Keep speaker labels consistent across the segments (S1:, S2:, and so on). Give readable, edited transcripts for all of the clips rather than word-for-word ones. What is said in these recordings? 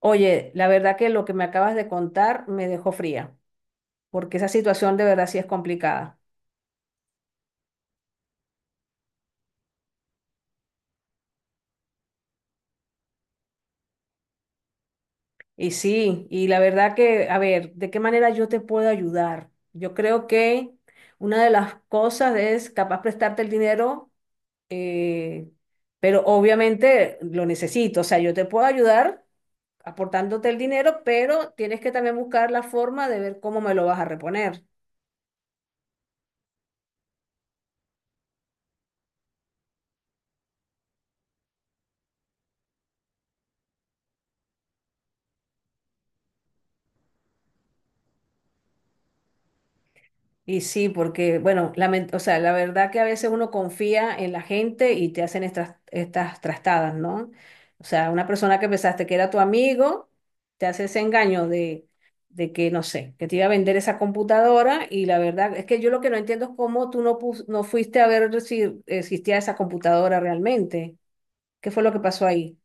S1: Oye, la verdad que lo que me acabas de contar me dejó fría, porque esa situación de verdad sí es complicada. Y sí, y la verdad que, a ver, ¿de qué manera yo te puedo ayudar? Yo creo que una de las cosas es capaz prestarte el dinero, eh, pero obviamente lo necesito. O sea, yo te puedo ayudar aportándote el dinero, pero tienes que también buscar la forma de ver cómo me lo vas a reponer. Y sí, porque, bueno, o sea, la verdad que a veces uno confía en la gente y te hacen estas trastadas, ¿no? O sea, una persona que pensaste que era tu amigo, te hace ese engaño de que, no sé, que te iba a vender esa computadora y la verdad es que yo lo que no entiendo es cómo tú no, no fuiste a ver si existía esa computadora realmente. ¿Qué fue lo que pasó ahí?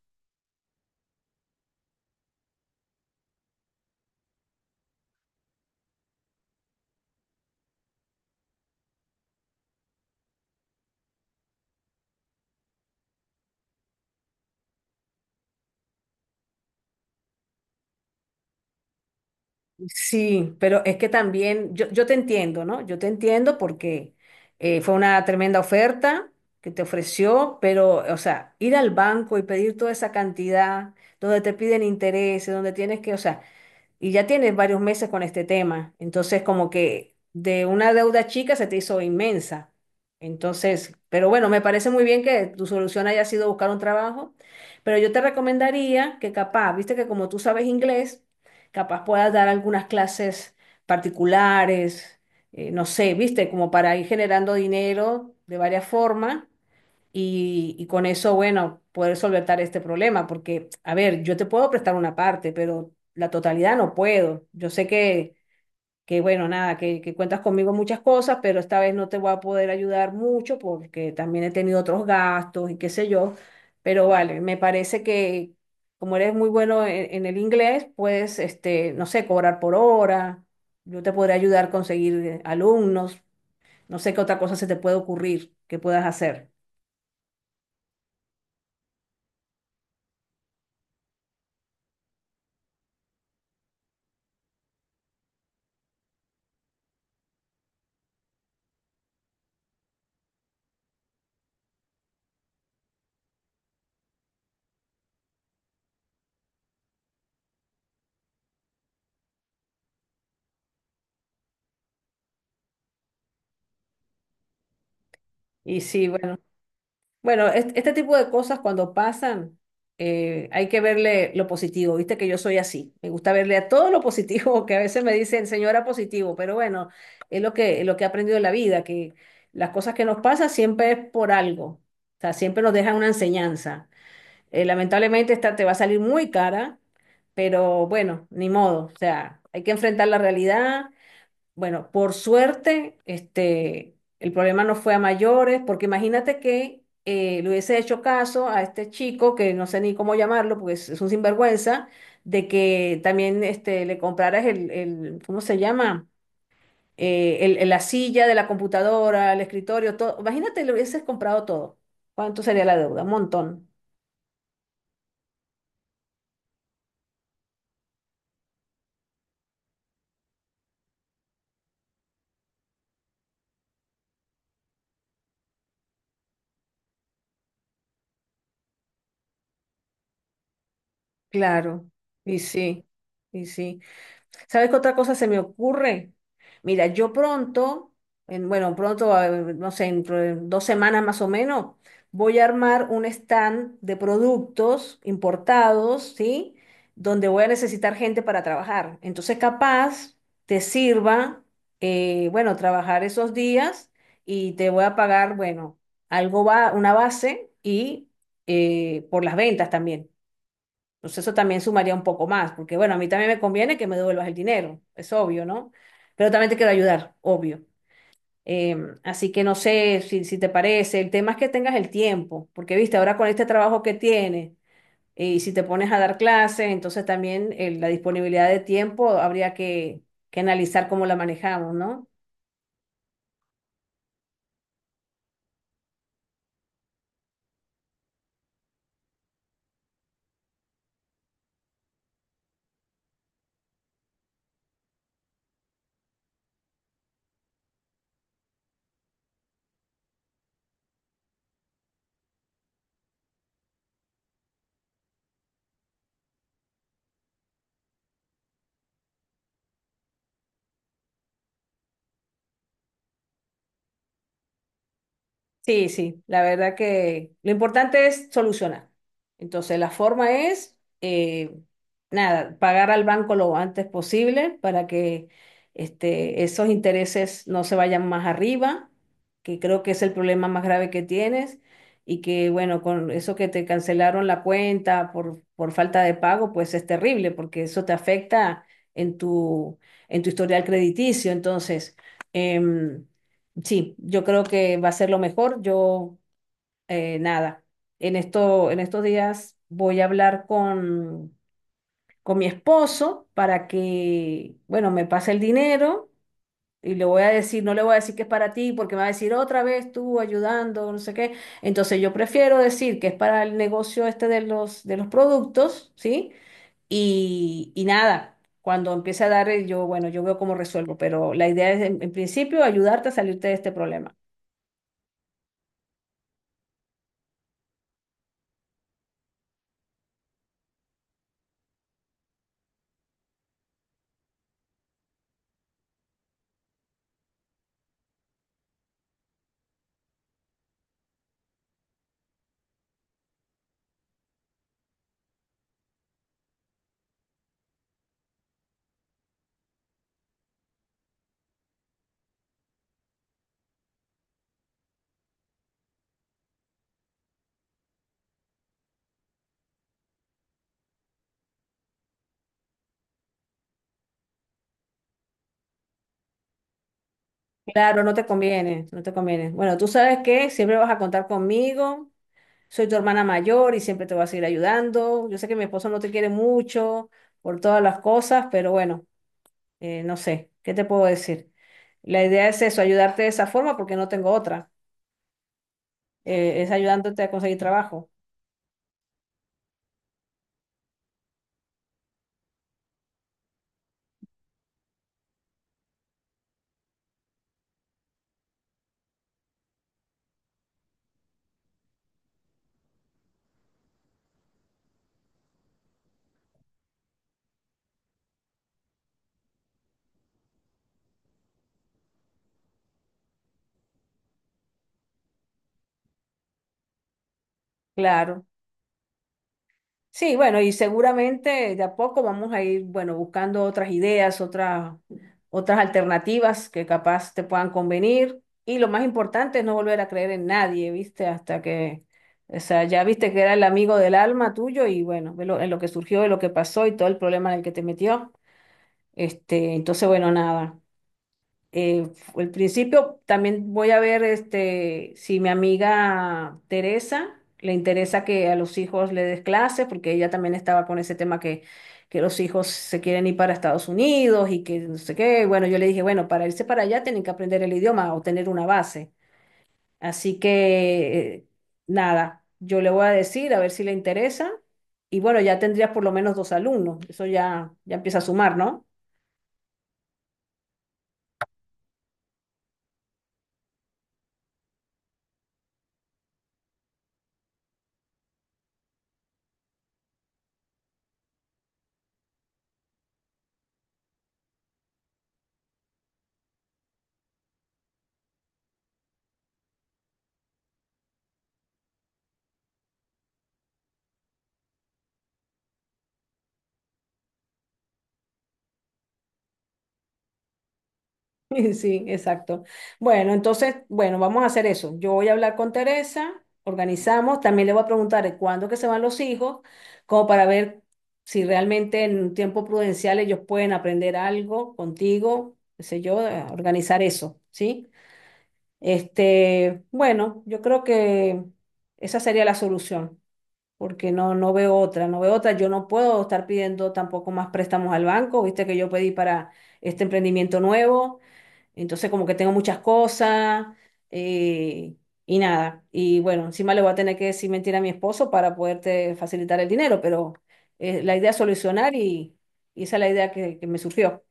S1: Sí, pero es que también yo te entiendo, ¿no? Yo te entiendo porque fue una tremenda oferta que te ofreció, pero, o sea, ir al banco y pedir toda esa cantidad, donde te piden intereses, donde tienes que, o sea, y ya tienes varios meses con este tema. Entonces, como que de una deuda chica se te hizo inmensa. Entonces, pero bueno, me parece muy bien que tu solución haya sido buscar un trabajo, pero yo te recomendaría que capaz, viste que como tú sabes inglés, capaz puedas dar algunas clases particulares, no sé, viste, como para ir generando dinero de varias formas y con eso, bueno, poder solventar este problema, porque, a ver, yo te puedo prestar una parte, pero la totalidad no puedo. Yo sé que bueno, nada, que cuentas conmigo en muchas cosas, pero esta vez no te voy a poder ayudar mucho porque también he tenido otros gastos y qué sé yo. Pero vale, me parece que como eres muy bueno en el inglés, puedes, este, no sé, cobrar por hora. Yo te podré ayudar a conseguir alumnos. No sé qué otra cosa se te puede ocurrir que puedas hacer. Y sí, bueno. Bueno, este, tipo de cosas cuando pasan, hay que verle lo positivo. Viste que yo soy así. Me gusta verle a todo lo positivo, que a veces me dicen, señora positivo, pero bueno, es lo que he aprendido en la vida, que las cosas que nos pasan siempre es por algo. O sea, siempre nos dejan una enseñanza. Lamentablemente esta te va a salir muy cara, pero bueno, ni modo. O sea, hay que enfrentar la realidad, bueno, por suerte, este, el problema no fue a mayores, porque imagínate que le hubiese hecho caso a este chico, que no sé ni cómo llamarlo, porque es un sinvergüenza, de que también este, le compraras el, ¿cómo se llama? La silla de la computadora, el escritorio, todo. Imagínate, le hubieses comprado todo. ¿Cuánto sería la deuda? Un montón. Claro. Y sí, y sí. ¿Sabes qué otra cosa se me ocurre? Mira, yo pronto, bueno, pronto, no sé, dentro de 2 semanas más o menos, voy a armar un stand de productos importados, ¿sí? Donde voy a necesitar gente para trabajar. Entonces, capaz te sirva, bueno, trabajar esos días y te voy a pagar, bueno, algo va, una base y por las ventas también. Pues eso también sumaría un poco más, porque bueno, a mí también me conviene que me devuelvas el dinero, es obvio, ¿no? Pero también te quiero ayudar, obvio. Eh, Así que no sé si, si te parece, el tema es que tengas el tiempo, porque viste, ahora con este trabajo que tienes, y si te pones a dar clases, entonces también la disponibilidad de tiempo habría que analizar cómo la manejamos, ¿no? Sí, sí, la verdad que lo importante es solucionar. Entonces, la forma es, eh, nada, pagar al banco lo antes posible para que este, esos intereses no se vayan más arriba, que creo que es el problema más grave que tienes, y que, bueno, con eso que te cancelaron la cuenta por falta de pago, pues es terrible, porque eso te afecta en tu, en tu historial crediticio. Entonces, em, sí, yo creo que va a ser lo mejor. Yo, nada, en esto, en estos días voy a hablar con mi esposo para que, bueno, me pase el dinero y le voy a decir, no le voy a decir que es para ti porque me va a decir otra vez tú ayudando, no sé qué. Entonces yo prefiero decir que es para el negocio este de los productos, ¿sí? Y nada, cuando empiece a dar, yo, bueno, yo veo cómo resuelvo, pero la idea es en principio ayudarte a salirte de este problema. Claro, no te conviene, no te conviene. Bueno, tú sabes que siempre vas a contar conmigo, soy tu hermana mayor y siempre te voy a seguir ayudando. Yo sé que mi esposo no te quiere mucho por todas las cosas, pero bueno, no sé, ¿qué te puedo decir? La idea es eso, ayudarte de esa forma porque no tengo otra, es ayudándote a conseguir trabajo. Claro. Sí, bueno, y seguramente de a poco vamos a ir, bueno, buscando otras ideas, otras, otras alternativas que capaz te puedan convenir. Y lo más importante es no volver a creer en nadie, ¿viste? Hasta que, o sea, ya viste que era el amigo del alma tuyo y bueno, en lo que surgió, de lo que pasó y todo el problema en el que te metió. Este, entonces, bueno, nada eh, al principio también voy a ver este, si mi amiga Teresa le interesa que a los hijos le des clases, porque ella también estaba con ese tema que los hijos se quieren ir para Estados Unidos y que no sé qué. Bueno, yo le dije, bueno, para irse para allá tienen que aprender el idioma o tener una base. Así que, nada, yo le voy a decir a ver si le interesa. Y bueno, ya tendrías por lo menos 2 alumnos. Eso ya, ya empieza a sumar, ¿no? Sí, exacto. Bueno, entonces, bueno, vamos a hacer eso. Yo voy a hablar con Teresa, organizamos, también le voy a preguntar de cuándo que se van los hijos, como para ver si realmente en un tiempo prudencial ellos pueden aprender algo contigo, qué sé yo, organizar eso, ¿sí? Este, bueno, yo creo que esa sería la solución, porque no, no veo otra, no veo otra. Yo no puedo estar pidiendo tampoco más préstamos al banco, viste que yo pedí para este emprendimiento nuevo entonces como que tengo muchas cosas eh, y nada. Y bueno, encima le voy a tener que decir mentira a mi esposo para poderte facilitar el dinero, pero la idea es solucionar y esa es la idea que me surgió.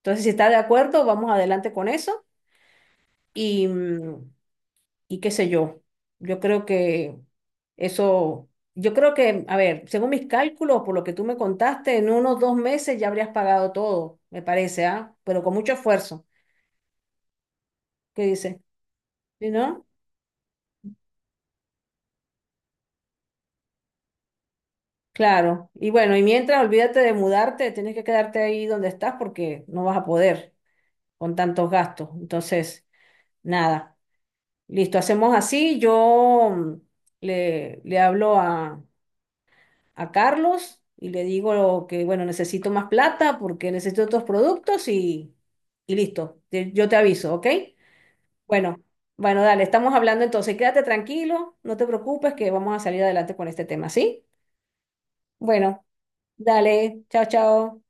S1: Entonces, si está de acuerdo, vamos adelante con eso y, mm, y qué sé yo. Yo creo que eso, yo creo que, a ver, según mis cálculos, por lo que tú me contaste, en unos 2 meses ya habrías pagado todo, me parece, ¿ah? Pero con mucho esfuerzo. ¿Qué dices? ¿Sí, no? Claro, y bueno, y mientras olvídate de mudarte, tienes que quedarte ahí donde estás porque no vas a poder con tantos gastos. Entonces, nada, listo, hacemos así. Yo mm, le hablo a Carlos y le digo que, bueno, necesito más plata porque necesito otros productos y listo, yo te aviso, ¿ok? Bueno, bueno, dale, estamos hablando entonces, quédate tranquilo, no te preocupes que vamos a salir adelante con este tema, ¿sí? Bueno, dale, chao, chao.